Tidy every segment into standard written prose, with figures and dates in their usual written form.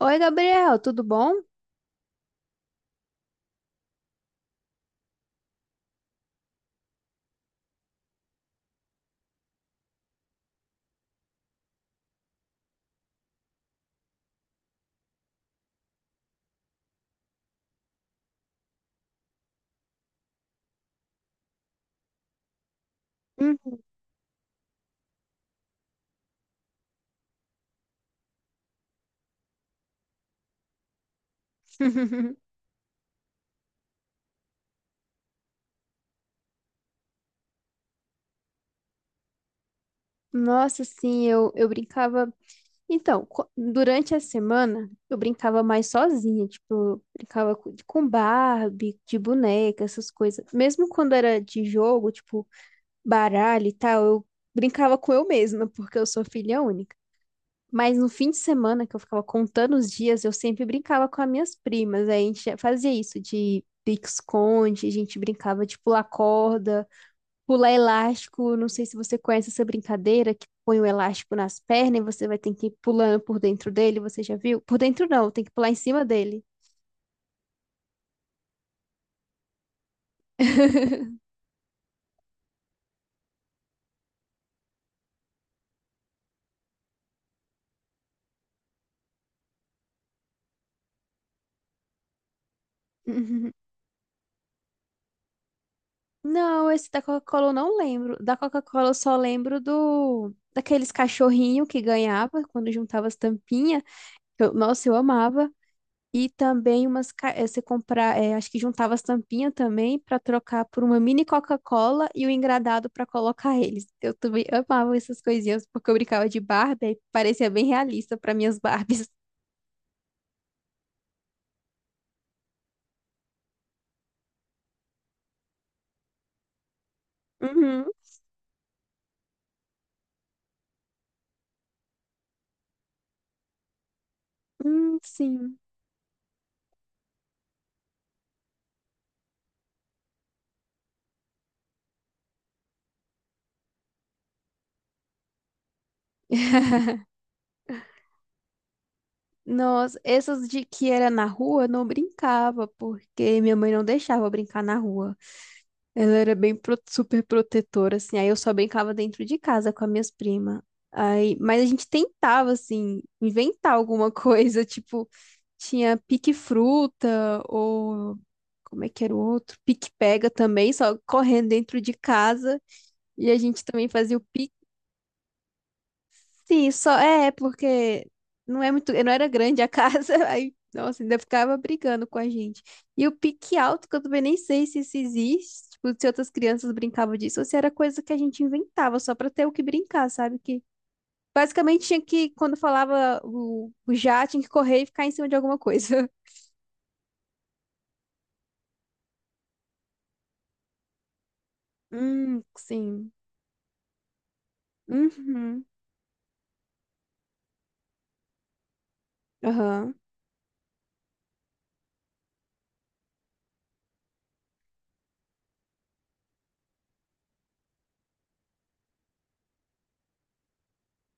Oi, Gabriel, tudo bom? Hum. Nossa, sim, eu brincava. Então, durante a semana, eu brincava mais sozinha, tipo, eu brincava com Barbie, de boneca, essas coisas. Mesmo quando era de jogo, tipo, baralho e tal, eu brincava com eu mesma, porque eu sou filha única. Mas no fim de semana, que eu ficava contando os dias, eu sempre brincava com as minhas primas. Aí a gente fazia isso de pique-esconde, a gente brincava de pular corda. Pular elástico, não sei se você conhece essa brincadeira que põe o elástico nas pernas e você vai ter que ir pulando por dentro dele, você já viu? Por dentro não, tem que pular em cima dele. Uhum. Não, esse da Coca-Cola eu não lembro. Da Coca-Cola eu só lembro do daqueles cachorrinho que ganhava quando juntava as tampinhas. Nossa, eu amava. E também umas. Você comprar. Acho que juntava as tampinhas também para trocar por uma mini Coca-Cola e o engradado para colocar eles. Eu também amava essas coisinhas porque eu brincava de Barbie e parecia bem realista para minhas Barbies. Uhum. Sim. Nossa, essas de que era na rua, eu não brincava porque minha mãe não deixava eu brincar na rua. Ela era bem super protetora, assim. Aí eu só brincava dentro de casa com as minhas primas. Aí, mas a gente tentava, assim, inventar alguma coisa. Tipo, tinha pique-fruta, ou como é que era o outro? Pique-pega também, só correndo dentro de casa. E a gente também fazia o... Sim, só é porque não é muito, não era grande a casa, aí, nossa, ainda ficava brigando com a gente. E o pique alto, que eu também nem sei se isso existe, tipo, se outras crianças brincavam disso, ou se era coisa que a gente inventava só pra ter o que brincar, sabe? Que basicamente tinha que, quando falava o já, tinha que correr e ficar em cima de alguma coisa. Sim. Uhum. Aham.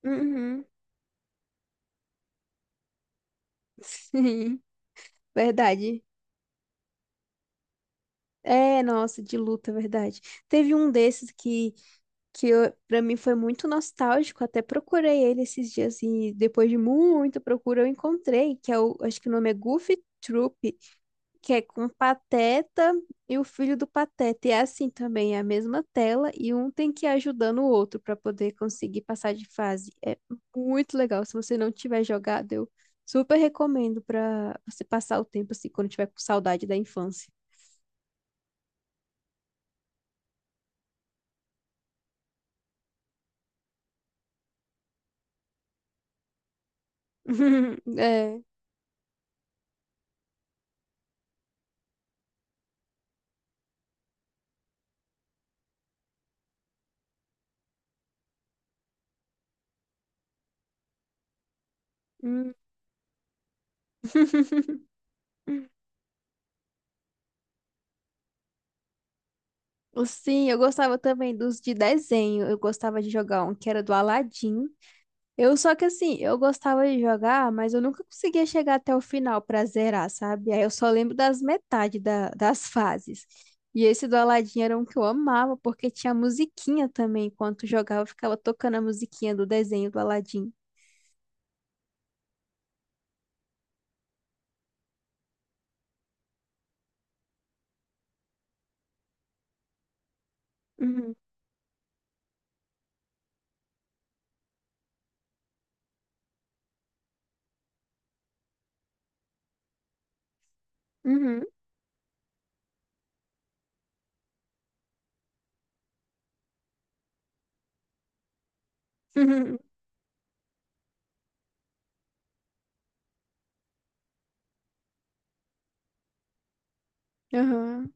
Uhum. Sim, verdade. É, nossa, de luta, verdade. Teve um desses que eu, pra mim foi muito nostálgico. Até procurei ele esses dias e depois de muita procura eu encontrei, que é o, acho que o nome é Goofy Troop, que é com Pateta e o filho do Pateta. E é assim também, é a mesma tela e um tem que ir ajudando o outro pra poder conseguir passar de fase. É muito legal. Se você não tiver jogado, eu super recomendo pra você passar o tempo assim quando tiver com saudade da infância. É. Hum. Sim, eu gostava também dos de desenho. Eu gostava de jogar um que era do Aladdin. Eu só que assim, eu gostava de jogar, mas eu nunca conseguia chegar até o final pra zerar, sabe? Aí eu só lembro das metade da, das fases. E esse do Aladdin era um que eu amava, porque tinha musiquinha também. Enquanto jogava, eu ficava tocando a musiquinha do desenho do Aladdin. Uhum, uhum, uhum, uhum.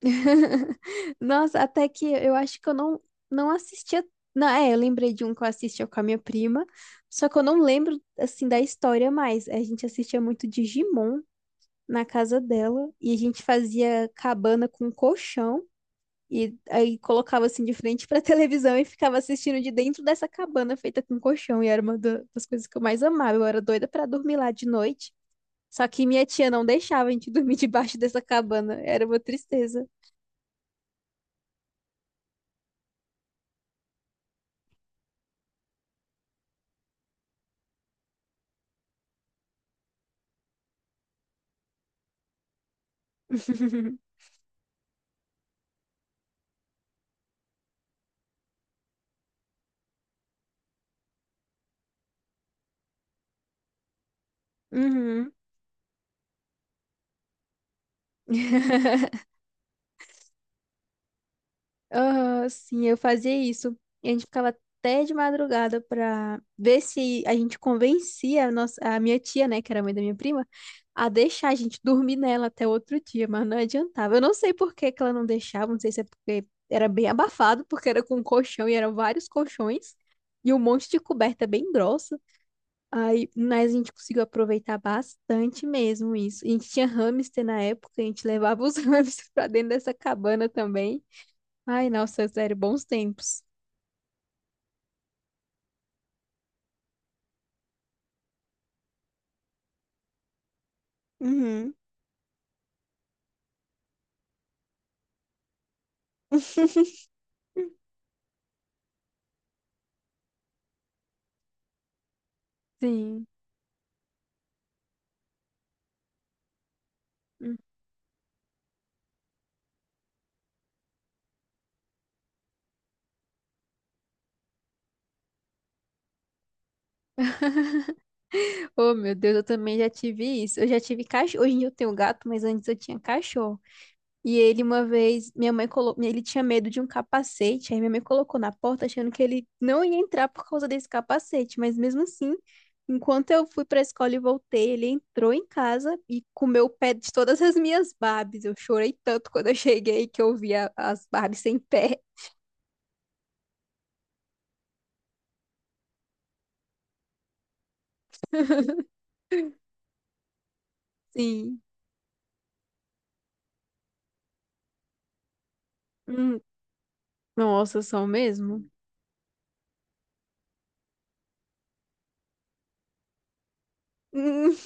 Nossa, até que eu acho que eu não, não assistia. Não, é, eu lembrei de um que eu assistia com a minha prima, só que eu não lembro, assim, da história mais. A gente assistia muito Digimon na casa dela e a gente fazia cabana com um colchão e aí colocava, assim, de frente pra televisão e ficava assistindo de dentro dessa cabana feita com colchão e era uma das coisas que eu mais amava. Eu era doida pra dormir lá de noite, só que minha tia não deixava a gente dormir debaixo dessa cabana. Era uma tristeza. Uhum. Ah, sim, eu fazia isso. E a gente ficava até de madrugada pra ver se a gente convencia a, nossa, a minha tia, né, que era mãe da minha prima, a deixar a gente dormir nela até outro dia, mas não adiantava. Eu não sei por que que ela não deixava, não sei se é porque era bem abafado, porque era com colchão e eram vários colchões e um monte de coberta bem grossa. Aí, mas a gente conseguiu aproveitar bastante mesmo isso. A gente tinha hamster na época, a gente levava os hamsters pra dentro dessa cabana também. Ai, nossa, sério, bons tempos. Uhum. Sim. Oh, meu Deus, eu também já tive isso. Eu já tive cachorro. Hoje em dia eu tenho gato, mas antes eu tinha cachorro. E ele uma vez, minha mãe colocou, ele tinha medo de um capacete, aí minha mãe colocou na porta achando que ele não ia entrar por causa desse capacete, mas mesmo assim, enquanto eu fui para a escola e voltei, ele entrou em casa e comeu o pé de todas as minhas Barbies. Eu chorei tanto quando eu cheguei que eu vi as Barbies sem pé. Sim. Hum, nossa, são mesmo? Hum,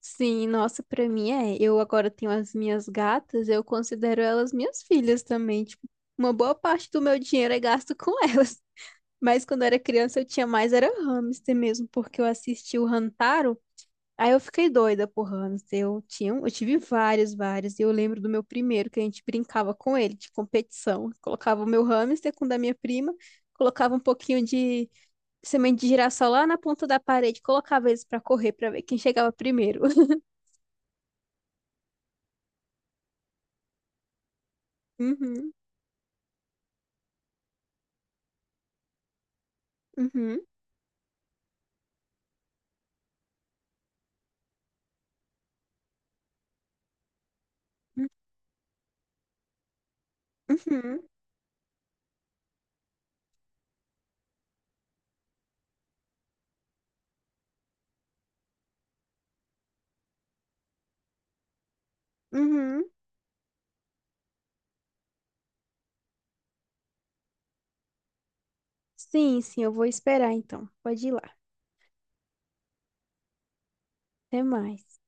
Sim, nossa, pra mim é. Eu agora tenho as minhas gatas, eu considero elas minhas filhas também. Tipo, uma boa parte do meu dinheiro é gasto com elas. Mas quando eu era criança eu tinha mais era hamster mesmo, porque eu assisti o Hantaro, aí eu fiquei doida por hamster. Eu tinha, eu tive vários, vários. E eu lembro do meu primeiro, que a gente brincava com ele de competição. Colocava o meu hamster com o da minha prima, colocava um pouquinho de semente de girassol lá na ponta da parede, colocava eles pra correr pra ver quem chegava primeiro. Uhum. Uhum, uhum, uhum. Sim, sim, eu vou esperar então. Pode ir lá. Até mais.